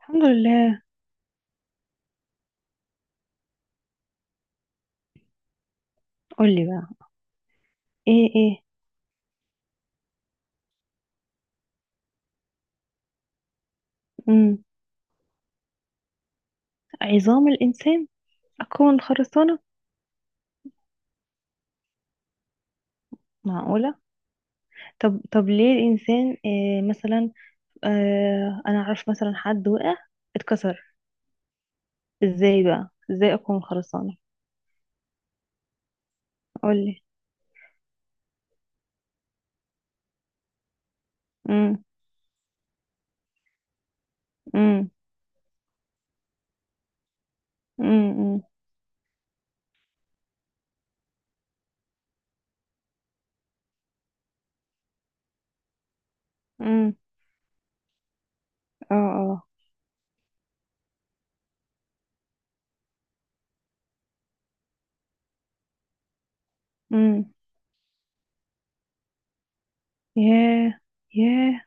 الحمد لله. قولي بقى. ايه. مم. عظام الانسان اكون خرسانه؟ معقوله. طب ليه الانسان، إيه مثلا؟ آه، انا اعرف مثلا حد وقع، اتكسر. ازاي بقى؟ ازاي اكون خرسانه؟ قولي. امم امم امم امم اه اه امم. ياه ياه.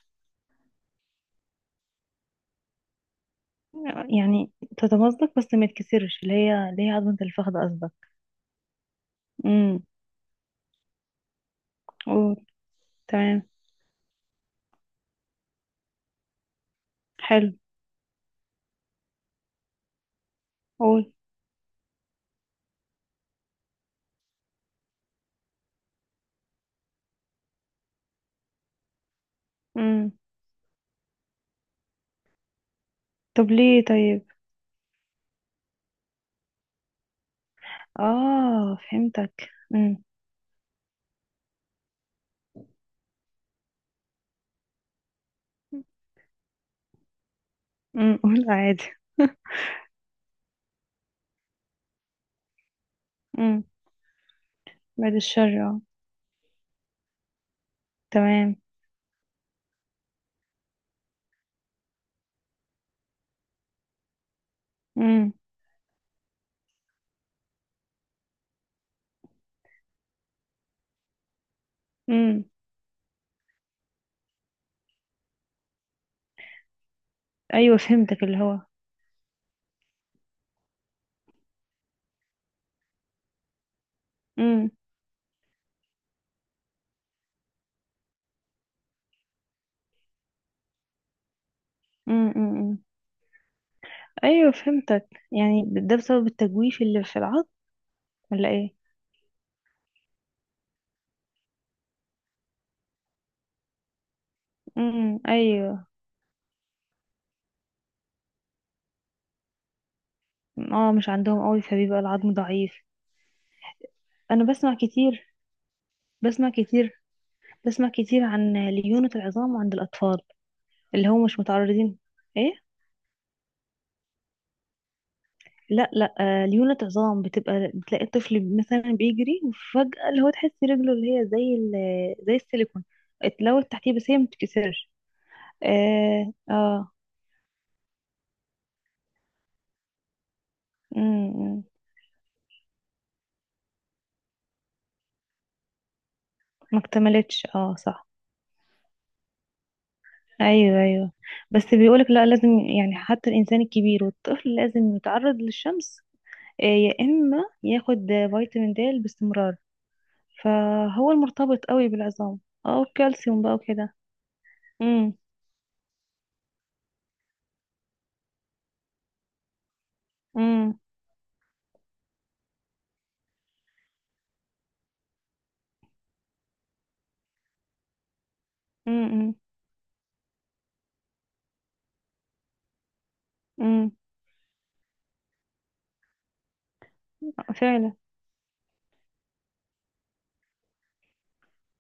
يعني تتمزق بس ما يتكسرش، اللي هي عظمه الفخذ قصدك؟ امم. قول. تمام. حلو. قول. امم. طب ليه طيب؟ اه، فهمتك. امم امم. قول عادي. امم. بعد الشر، اه. تمام. امم امم. ايوه، فهمتك اللي هو. امم امم إمم. ايوه، فهمتك. يعني ده بسبب التجويف اللي في العظم ولا ايه؟ امم. ايوه. اه، مش عندهم قوي، فبيبقى العظم ضعيف. انا بسمع كتير، بسمع كتير بسمع كتير عن ليونة العظام عند الاطفال، اللي هم مش متعرضين. ايه. لا لا. ليونة عظام، بتبقى بتلاقي الطفل مثلا بيجري وفجأة اللي هو تحس رجله اللي هي زي ال... زي السيليكون، اتلوت تحتيه بس هي ما بتتكسرش. اه. أمم، ما اكتملتش، اه صح. ايوه. بس بيقولك لا، لازم يعني حتى الانسان الكبير والطفل لازم يتعرض للشمس، يا اما ياخد فيتامين د باستمرار، فهو المرتبط قوي بالعظام. اه، والكالسيوم بقى وكده. امم امم امم أمم. فعلا.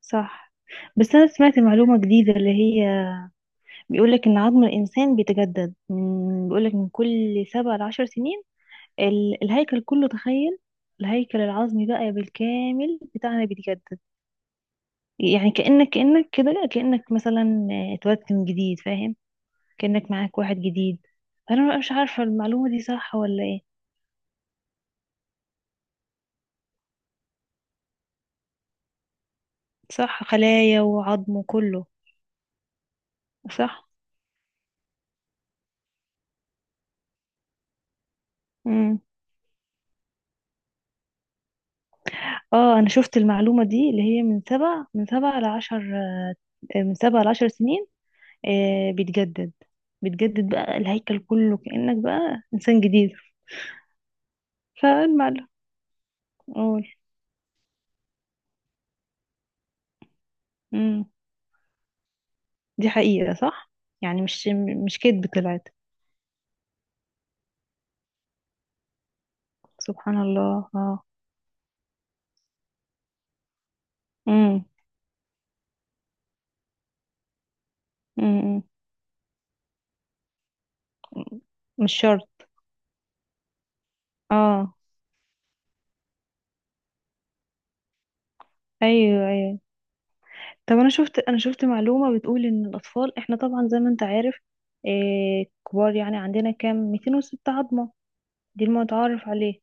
صح. بس أنا سمعت معلومة جديدة اللي هي، بيقولك إن عظم الإنسان بيتجدد بيقولك من كل 7 ل10 سنين. الهيكل كله، تخيل. الهيكل العظمي بقى بالكامل بتاعنا بيتجدد، يعني كأنك كده، كأنك مثلا اتولدت من جديد، فاهم؟ كأنك معاك واحد جديد. أنا مش عارفة المعلومة دي صح ولا إيه. صح، خلايا وعظم وكله. صح. مم. اه، انا شفت المعلومة دي، اللي هي من سبع من سبع لعشر، من سبع لعشر سنين. آه، بيتجدد. بيتجدد بقى الهيكل كله، كأنك بقى إنسان جديد. فالمعلم. قول. امم. دي حقيقة صح؟ يعني مش كدب طلعت. سبحان الله. اه. امم امم. مش شرط. اه. ايوه. طب انا شفت، معلومة بتقول ان الاطفال، احنا طبعا زي ما انت عارف، آه، كبار يعني عندنا كام، 206 عظمة؟ دي المتعارف عليه.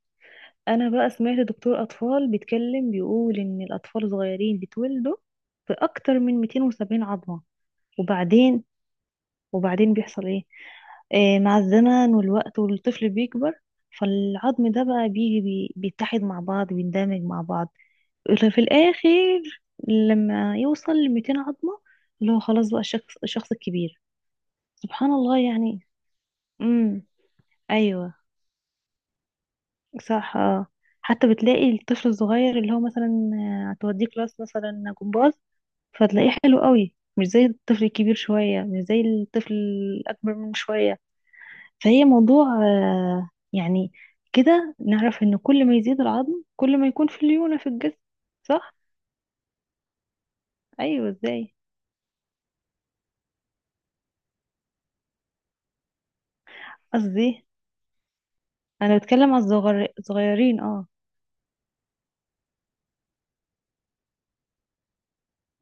انا بقى سمعت دكتور اطفال بيتكلم، بيقول ان الاطفال صغيرين بيتولدوا باكتر من 270 عظمة، وبعدين، بيحصل ايه؟ آه، مع الزمن والوقت والطفل بيكبر، فالعظم ده بقى بيجي بيتحد مع بعض، بيندمج مع بعض، في الاخر لما يوصل ل 200 عظمة، اللي هو خلاص بقى الشخص، الكبير. سبحان الله يعني. امم. ايوه. صح. اه. حتى بتلاقي الطفل الصغير، اللي هو مثلا، هتوديه كلاس مثلا جمباز، فتلاقيه حلو قوي، مش زي الطفل الكبير شوية، مش زي الطفل الأكبر منه شوية. فهي موضوع، يعني كده نعرف إن كل ما يزيد العظم كل ما يكون في ليونة في الجسم، صح؟ أيوه، ازاي؟ قصدي أنا بتكلم على الصغيرين، اه.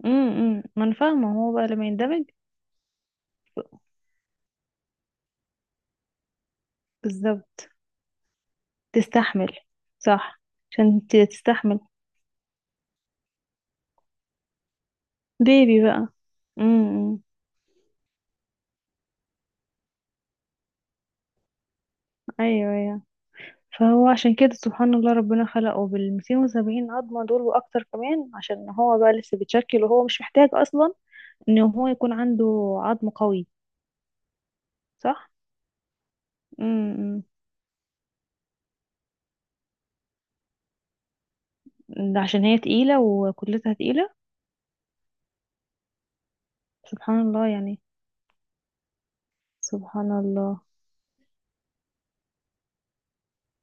إمم. ما أنا فاهمة، هو بقى لما يندمج. بالظبط. تستحمل. صح. عشان تستحمل. بيبي بقى. امم. ايوه. فهو عشان كده، سبحان الله، ربنا خلقه بال 270 عظمة دول وأكتر كمان، عشان هو بقى لسه بيتشكل وهو مش محتاج أصلا إن هو يكون عنده عظم قوي، صح؟ امم. ده عشان هي تقيلة وكتلتها تقيلة؟ سبحان الله يعني. سبحان الله.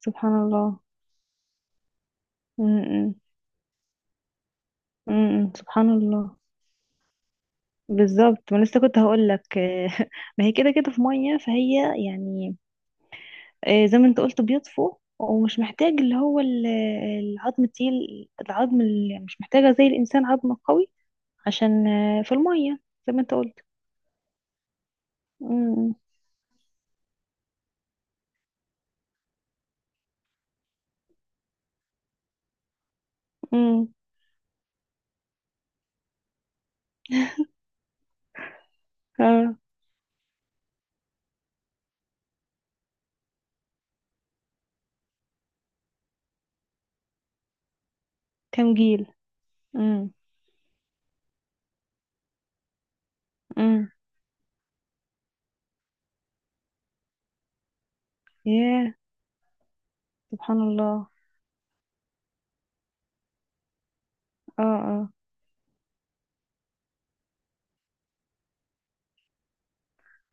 سبحان الله. امم امم. سبحان الله. بالظبط، ما لسه كنت هقول لك. ما هي كده كده في مية، فهي يعني، زي ما انت قلت بيطفو ومش محتاج اللي هو ال... العظم التقيل، العظم اللي مش محتاجة زي الإنسان عظم قوي، عشان في المية، زي ما انت قلت. امم امم. اه. كام جيل؟ امم امم. ياه. سبحان الله. اه.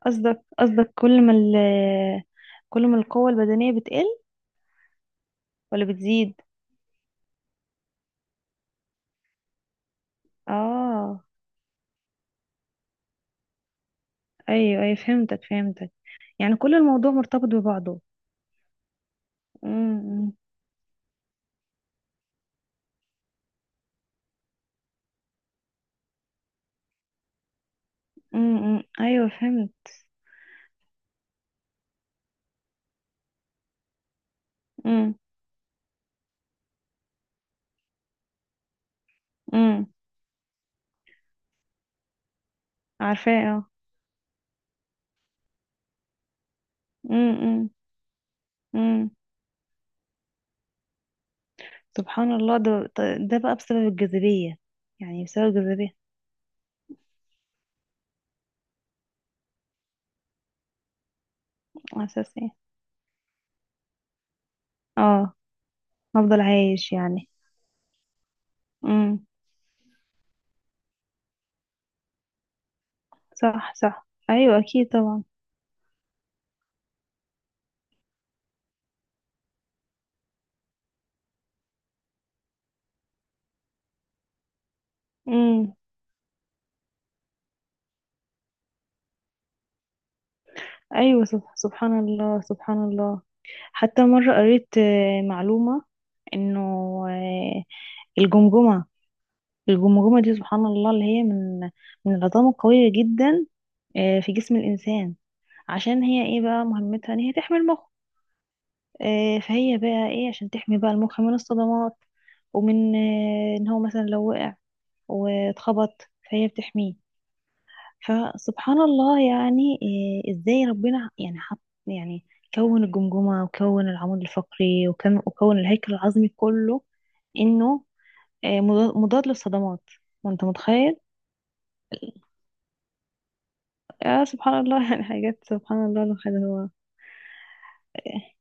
قصدك كل ما ال... كل ما القوة البدنية بتقل ولا بتزيد؟ اه. ايوه، فهمتك. يعني كل الموضوع مرتبط ببعضه. امم امم أمم، ايوه فهمت. امم. عارفاه، اه. امم امم. سبحان الله. ده، ده بقى بسبب الجاذبية؟ يعني بسبب الجاذبية. أساسي. اه. هفضل عايش يعني. امم. صح، صح، أيوة، أكيد طبعا. امم. أيوة. سبحان الله. سبحان الله. حتى مرة قريت معلومة، إنه، آه، الجمجمة، الجمجمة دي سبحان الله اللي هي من العظام القوية جدا في جسم الإنسان، عشان هي ايه بقى مهمتها، ان هي تحمي المخ. فهي بقى ايه عشان تحمي بقى المخ من الصدمات، ومن ان هو مثلا لو وقع واتخبط، فهي بتحميه. فسبحان الله يعني، ازاي ربنا يعني حط يعني، كون الجمجمة وكون العمود الفقري وكون الهيكل العظمي كله انه مضاد، للصدمات، وانت متخيل. آه، سبحان الله. يعني حاجات سبحان الله، الواحد هو، آه،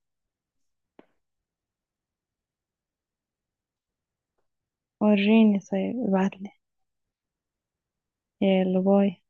وريني طيب ابعتلي. يلا، باي.